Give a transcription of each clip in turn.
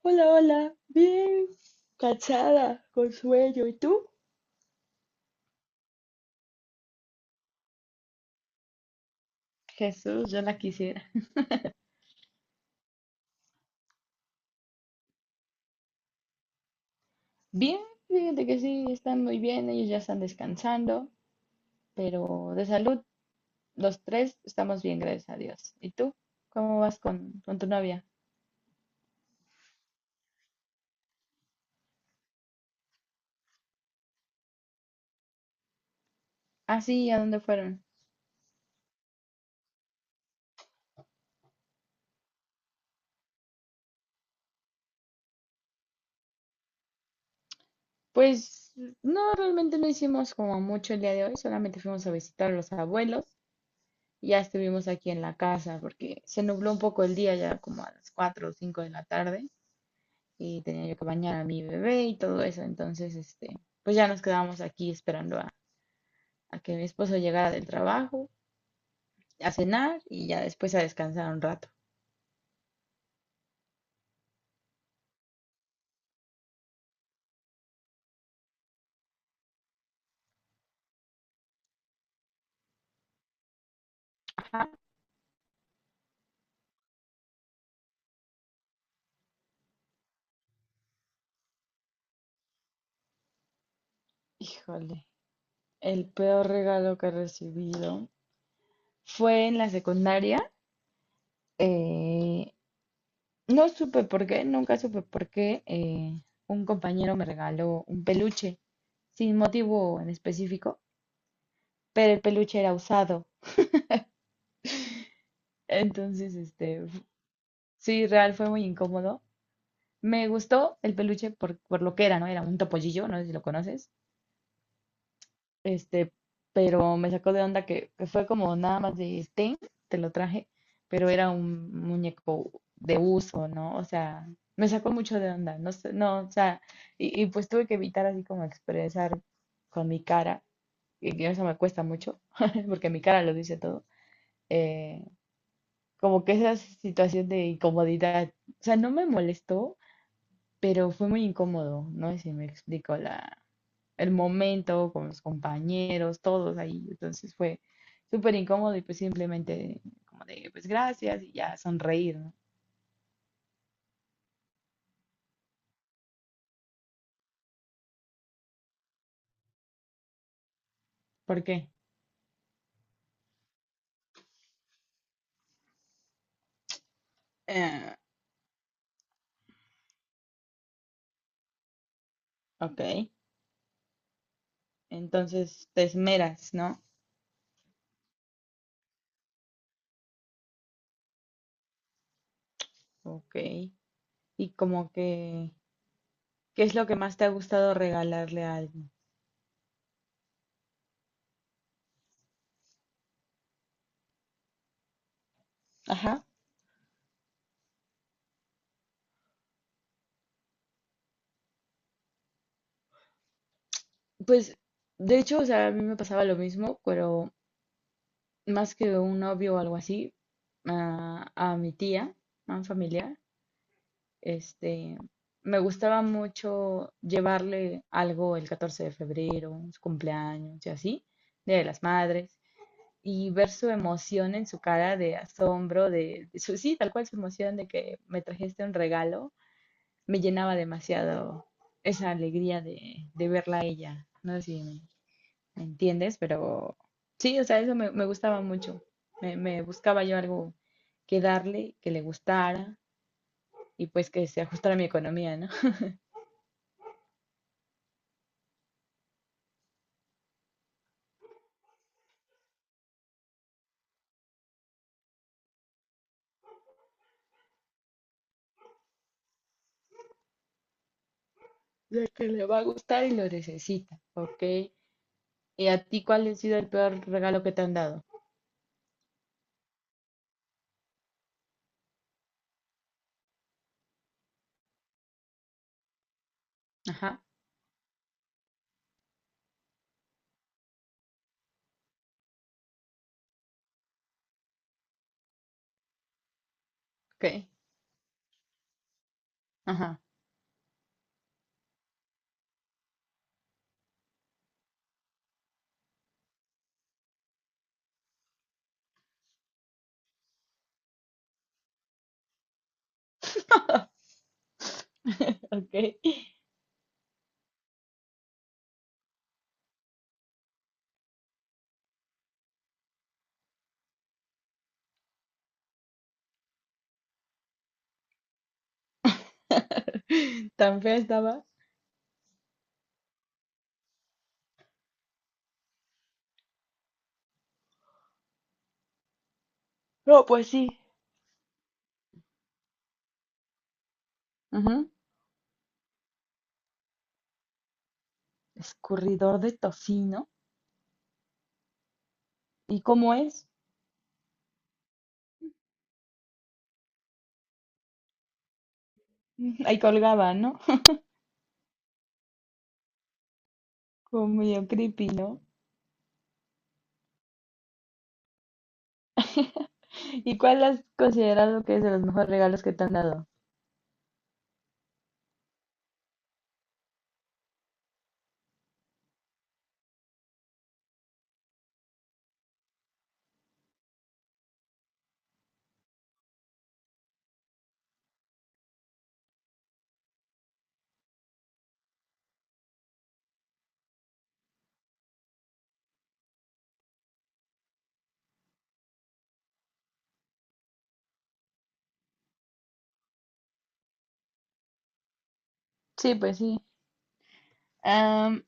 Hola, hola, bien cansada, con sueño. ¿Y tú? Jesús, yo la quisiera. Bien, fíjate que sí, están muy bien, ellos ya están descansando, pero de salud, los tres estamos bien, gracias a Dios. ¿Y tú? ¿Cómo vas con tu novia? Ah, sí, ¿a dónde fueron? Pues no, realmente no hicimos como mucho el día de hoy, solamente fuimos a visitar a los abuelos y ya estuvimos aquí en la casa porque se nubló un poco el día ya como a las 4 o 5 de la tarde y tenía yo que bañar a mi bebé y todo eso. Entonces, este, pues ya nos quedábamos aquí esperando a que mi esposo llegara del trabajo, a cenar y ya después a descansar un rato. Ajá. Híjole, el peor regalo que he recibido fue en la secundaria. eh, no supe por qué, nunca supe por qué, un compañero me regaló un peluche sin motivo en específico, pero el peluche era usado. Entonces, este, sí, real fue muy incómodo. Me gustó el peluche por lo que era, ¿no? Era un topollillo, no sé si lo conoces. Este, pero me sacó de onda que fue como nada más de ten, te lo traje, pero era un muñeco de uso, ¿no? O sea, me sacó mucho de onda, no sé, no, o sea, y pues tuve que evitar así como expresar con mi cara, y que eso me cuesta mucho, porque mi cara lo dice todo. eh, Como que esa situación de incomodidad, o sea, no me molestó, pero fue muy incómodo, no sé si me explico la, el momento con los compañeros, todos ahí, entonces fue súper incómodo y pues simplemente como de, pues gracias y ya sonreír, ¿no? ¿Por qué? Ah, ok, entonces te esmeras, ¿no? Ok, y como que, ¿qué es lo que más te ha gustado regalarle a alguien? Ajá, pues de hecho, o sea, a mí me pasaba lo mismo, pero más que un novio o algo así, a mi tía, a un familiar, este, me gustaba mucho llevarle algo el 14 de febrero, su cumpleaños y así, Día de las Madres, y ver su emoción en su cara de asombro, de su, sí, tal cual su emoción de que me trajiste un regalo, me llenaba demasiado esa alegría de verla a ella. No sé si me ¿me entiendes? Pero sí, o sea, eso me gustaba mucho. Me buscaba yo algo que darle, que le gustara y pues que se ajustara a mi economía, ¿no? De que le va a gustar y lo necesita, ¿ok? ¿Y a ti cuál ha sido el peor regalo que te han dado? Ajá, ok, ajá, ok. Tan fea estaba. No, pues sí. Ujú. Escurridor de tocino. ¿Y cómo es? Ahí colgaba, ¿no? Como medio creepy, ¿no? ¿Y cuál has considerado que es de los mejores regalos que te han dado? Sí, pues sí. Am,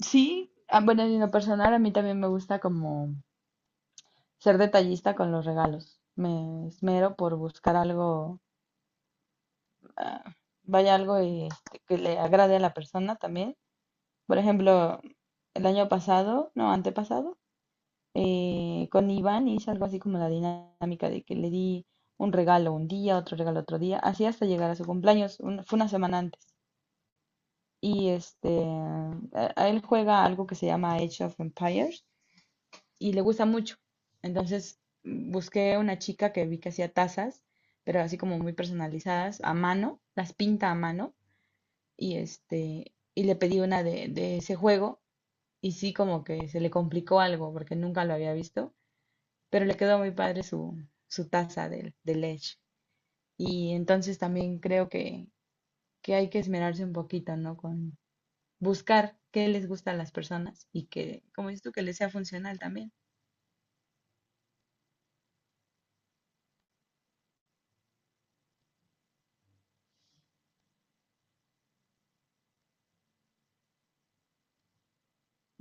sí, ah, bueno, en lo personal a mí también me gusta como ser detallista con los regalos. Me esmero por buscar algo, ah, vaya algo y, este, que le agrade a la persona también. Por ejemplo, el año pasado, no, antepasado, con Iván hice algo así como la dinámica de que le di un regalo un día, otro regalo otro día, así hasta llegar a su cumpleaños, fue una semana antes. Y este, a él juega algo que se llama Age of Empires y le gusta mucho. Entonces busqué una chica que vi que hacía tazas, pero así como muy personalizadas, a mano, las pinta a mano y este, y le pedí una de ese juego y sí como que se le complicó algo porque nunca lo había visto, pero le quedó muy padre su taza del Edge. Y entonces también creo que hay que esmerarse un poquito, ¿no? Con, buscar qué les gusta a las personas y que, como dices tú, que les sea funcional también.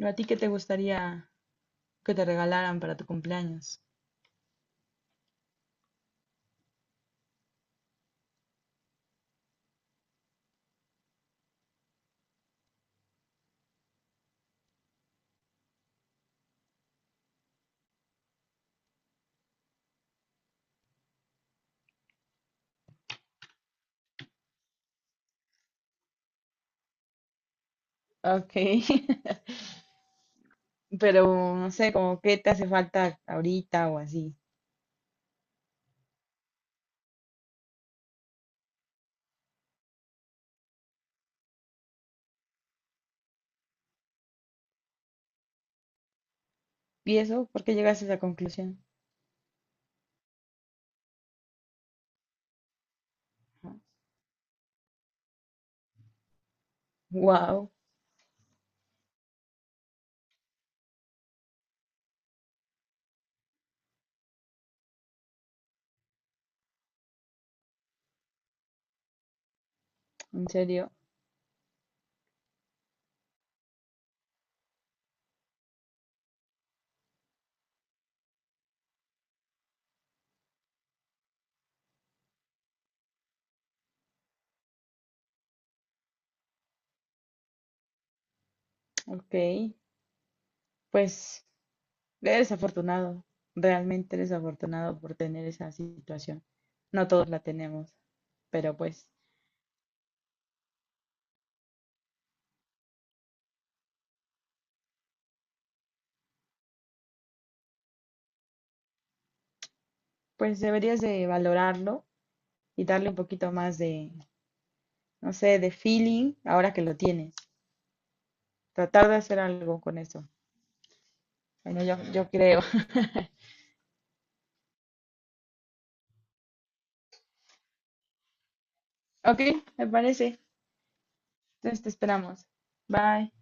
¿A ti qué te gustaría que te regalaran para tu cumpleaños? Ok, pero no sé, como qué te hace falta ahorita o así. ¿Y eso? ¿Por qué llegaste a esa conclusión? Wow, en serio. Ok, pues eres afortunado, realmente eres afortunado por tener esa situación. No todos la tenemos, pero pues deberías de valorarlo y darle un poquito más de, no sé, de feeling, ahora que lo tienes. Tratar de hacer algo con eso. Bueno, yo creo. Ok, me parece. Entonces te esperamos. Bye.